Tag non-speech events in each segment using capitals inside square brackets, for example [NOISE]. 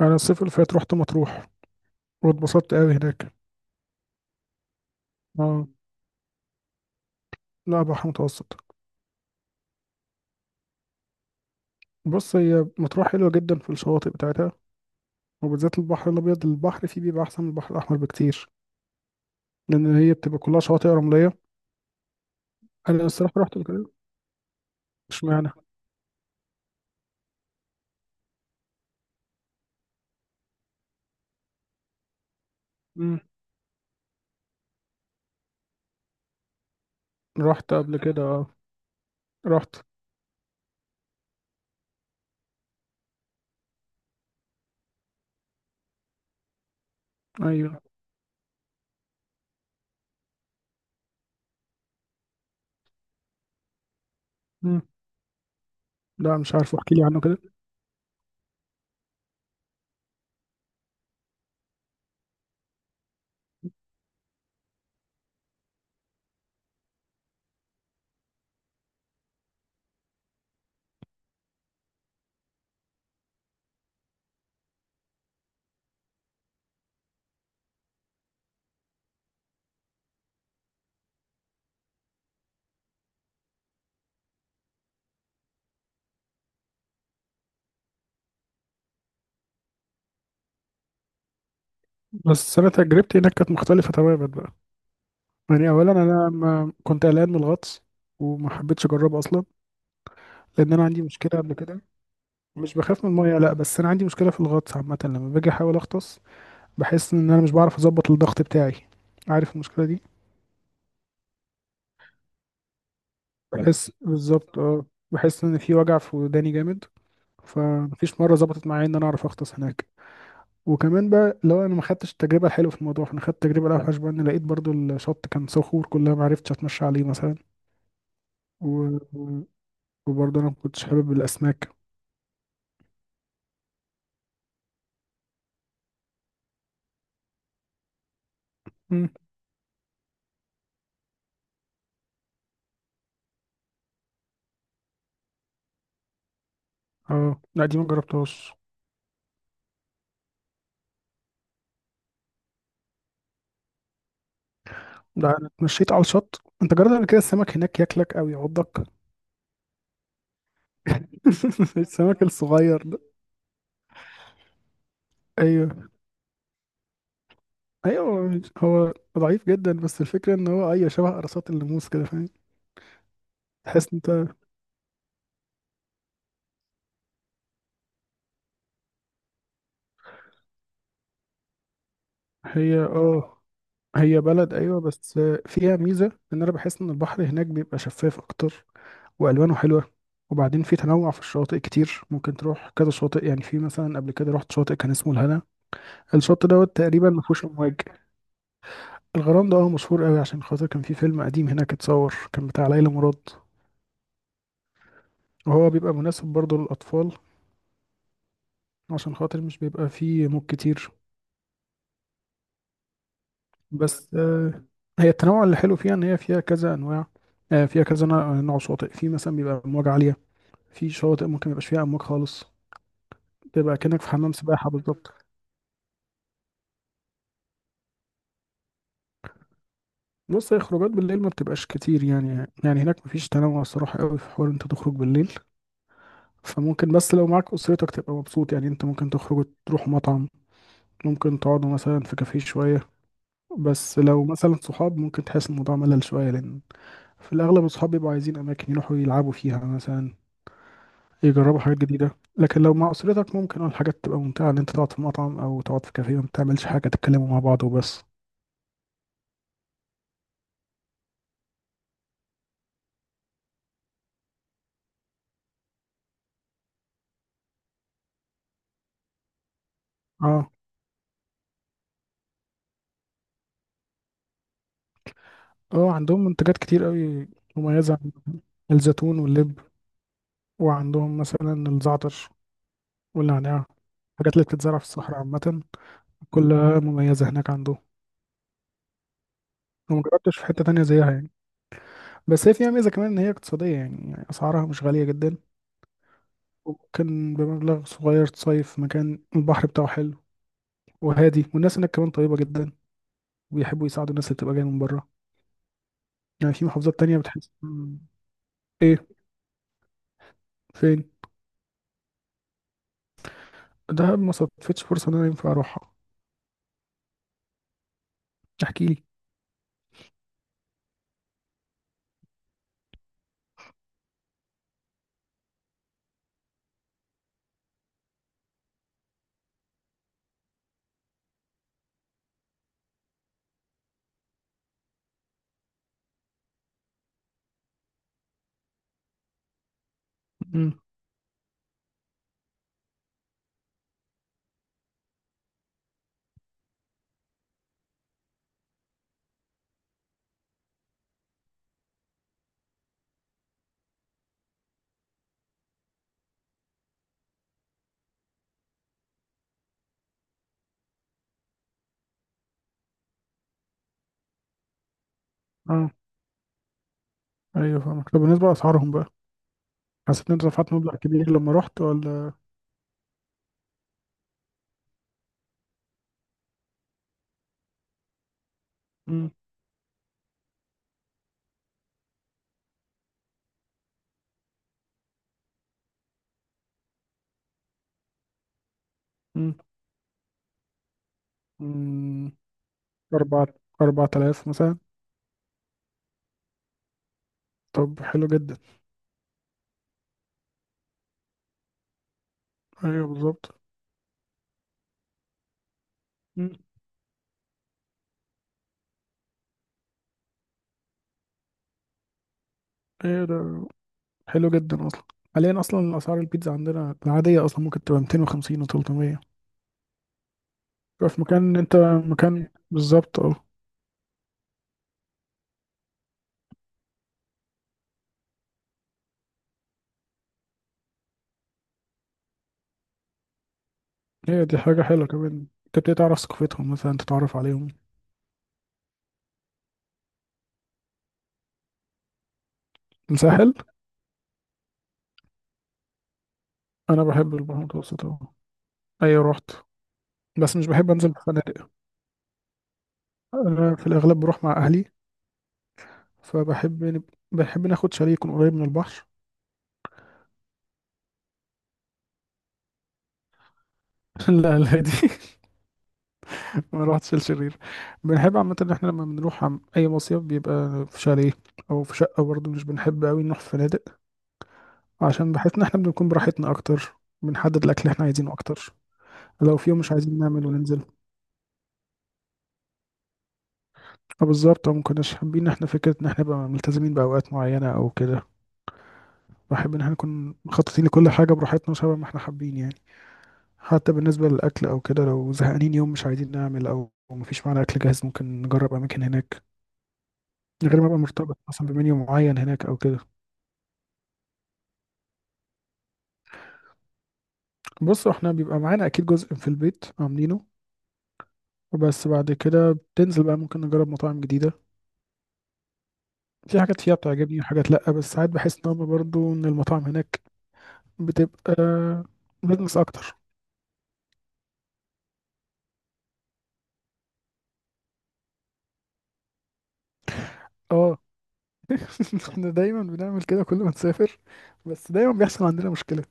انا الصيف اللي فات رحت مطروح، واتبسطت قوي هناك. اه، لا بحر متوسط. بص، هي مطروح حلوه جدا في الشواطئ بتاعتها، وبالذات البحر الابيض. البحر فيه بيبقى احسن من البحر الاحمر بكتير، لان هي بتبقى كلها شواطئ رمليه. انا الصراحه رحت قبل كده. اشمعنى؟ مم. رحت قبل كده، اه. رحت. ايوه. مم. لا، مش عارف، احكي لي عنه كده. بس انا تجربتي هناك كانت مختلفه تماما بقى. يعني اولا انا ما كنت قلقان من الغطس، وما حبيتش اجربه اصلا. لان انا عندي مشكله قبل كده. مش بخاف من المية، لا، بس انا عندي مشكله في الغطس عامه. لما باجي احاول اغطس بحس ان انا مش بعرف اظبط الضغط بتاعي. عارف المشكله دي؟ بحس بالظبط، اه. بحس ان في وجع في وداني جامد. فمفيش مره ظبطت معايا ان انا اعرف اغطس هناك. وكمان بقى لو انا ما خدتش التجربه الحلوه في الموضوع، فانا خدت التجربه الاوحش بقى، ان لقيت برضو الشط كان صخور كلها، ما عرفتش اتمشى عليه مثلا. و... وبرضو انا ما كنتش حابب الاسماك. مم. اه لا، دي ما جربتهاش. لا، انا اتمشيت على الشط. انت جربت قبل كده السمك هناك ياكلك او يعضك؟ [LAUGHS] السمك الصغير ده. ايوه. ايوه هو ضعيف جدا، بس الفكره ان هو ايوه شبه قرصات الناموس كده، فاهم؟ تحس انت. هي اه هي بلد، ايوه، بس فيها ميزه. ان انا بحس ان البحر هناك بيبقى شفاف اكتر، والوانه حلوه. وبعدين في تنوع في الشواطئ كتير، ممكن تروح كذا شاطئ. يعني في مثلا قبل كده رحت شاطئ كان اسمه الهنا. الشاطئ دوت تقريبا ما فيهوش امواج. الغرام ده اه، مشهور قوي عشان خاطر كان في فيلم قديم هناك اتصور، كان بتاع ليلى مراد. وهو بيبقى مناسب برضه للأطفال، عشان خاطر مش بيبقى فيه موج كتير. بس آه، هي التنوع اللي حلو فيها ان هي فيها كذا انواع. فيها كذا نوع شواطئ. في مثلا بيبقى امواج عاليه. في شواطئ ممكن ميبقاش فيها امواج خالص، تبقى كأنك في حمام سباحه بالظبط. بص، هي خروجات بالليل ما بتبقاش كتير يعني. يعني هناك مفيش تنوع الصراحه قوي في حوار انت تخرج بالليل. فممكن، بس لو معاك اسرتك تبقى مبسوط، يعني انت ممكن تخرجوا تروحوا مطعم، ممكن تقعدوا مثلا في كافيه شويه. بس لو مثلا صحاب ممكن تحس الموضوع ملل شويه، لان في الأغلب أصحابي بيبقوا عايزين أماكن يروحوا يلعبوا فيها مثلا، يجربوا حاجات جديدة. لكن لو مع أسرتك ممكن اه الحاجات تبقى ممتعة، إن أنت تقعد في مطعم أو تقعد في كافيه، ما بتعملش حاجة، تتكلموا مع بعض وبس. اه. اه عندهم منتجات كتير أوي. مميزة. الزيتون واللب. وعندهم مثلا الزعتر والنعناع. الحاجات اللي بتتزرع في الصحراء عامة، كلها مميزة هناك عندهم. وما جربتش في حتة تانية زيها يعني. بس هي فيها ميزة كمان إن هي اقتصادية، يعني أسعارها مش غالية جدا. وممكن بمبلغ صغير تصيف في مكان البحر بتاعه حلو وهادي، والناس هناك كمان طيبة جدا ويحبوا يساعدوا الناس اللي بتبقى جاية من بره، يعني في محافظات تانية بتحس ايه. فين؟ دهب ما صدفتش فرصة ان انا ينفع اروحها. احكي لي. مم. اه. ايوه فاهمك. طب بالنسبة لأسعارهم بقى، حسيت ان انت دفعت مبلغ كبير لما رحت ولا؟ مم. مم. مم. أربعة أربعة آلاف مثلا. طب حلو جدا. ايوه بالظبط. مم. ايوه ده حلو جدا اصلا. حاليا اصلا اسعار البيتزا عندنا العادية اصلا ممكن تبقى 250 و300. تبقى في مكان بالظبط، اه. هي دي حاجة حلوة كمان. تبتدي تعرف ثقافتهم مثلا، تتعرف عليهم. الساحل. أنا بحب البحر المتوسط أهو. أيوة، رحت. بس مش بحب أنزل في فنادق. أنا في الأغلب بروح مع أهلي. فبحب بحب ناخد شاليه يكون قريب من البحر. [LAUGHS] لا، لا، دي. [LAUGHS] ما روحتش الشرير. بنحب عامة إن إحنا لما بنروح عم أي مصيف بيبقى في شاليه أو في شقة برضه، مش بنحب أوي نروح في فنادق. عشان بحس إن إحنا بنكون براحتنا أكتر. بنحدد الأكل اللي إحنا عايزينه أكتر. لو في يوم مش عايزين نعمل وننزل. اه بالظبط، اه. مكناش حابين احنا فكرة ان احنا نبقى ملتزمين بأوقات معينة او كده. بحب ان احنا نكون مخططين لكل حاجة براحتنا وشبه ما احنا حابين يعني. حتى بالنسبة للأكل او كده، لو زهقانين يوم مش عايزين نعمل او مفيش معانا أكل جاهز، ممكن نجرب أماكن هناك من غير ما ابقى مرتبط مثلا بمنيو معين هناك او كده. بص، احنا بيبقى معانا اكيد جزء في البيت عاملينه. بس بعد كده بتنزل بقى، ممكن نجرب مطاعم جديدة. في حاجات فيها بتعجبني وحاجات لأ، بس ساعات بحس ان هما برضه ان المطاعم هناك بتبقى بزنس اكتر. اه. [LAUGHS] احنا دايما بنعمل كده كل ما نسافر. بس دايما بيحصل عندنا مشكلة.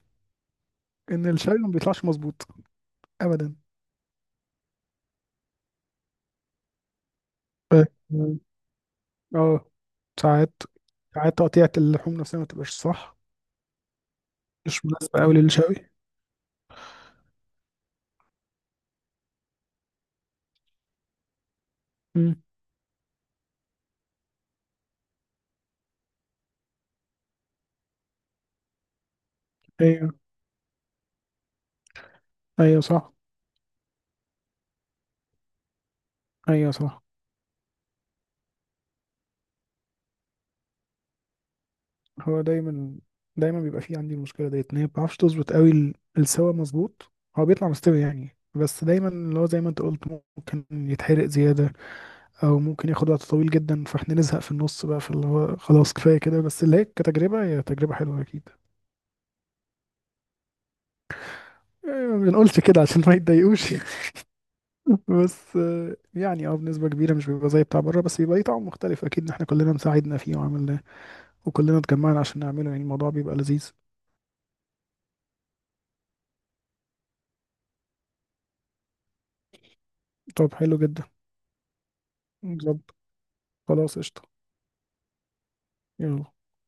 ان الشاي ما بيطلعش مظبوط، ابدا. ف- اه. ساعات ساعات تقطيعة اللحوم نفسها ما تبقاش صح، مش مناسبة أوي للشوي. امم. ايوه. ايوه صح. ايوه صح. هو دايما بيبقى فيه عندي المشكلة ديت، ان هي ما بتعرفش تظبط قوي السوا مظبوط. هو بيطلع مستوي يعني، بس دايما اللي هو زي ما انت قلت، ممكن يتحرق زيادة او ممكن ياخد وقت طويل جدا، فاحنا نزهق في النص بقى، فاللي هو خلاص كفايه كده. بس اللي هي كتجربه هي تجربه حلوه اكيد. يعني ما بنقولش كده عشان ما يتضايقوش [LAUGHS] بس آه، يعني اه بنسبه كبيره مش بيبقى زي بتاع بره، بس بيبقى ليه طعم مختلف اكيد، ان احنا كلنا مساعدنا فيه وعملناه وكلنا اتجمعنا عشان نعمله. يعني الموضوع بيبقى لذيذ. طب حلو جدا. بالظبط. خلاص قشطه. يلا.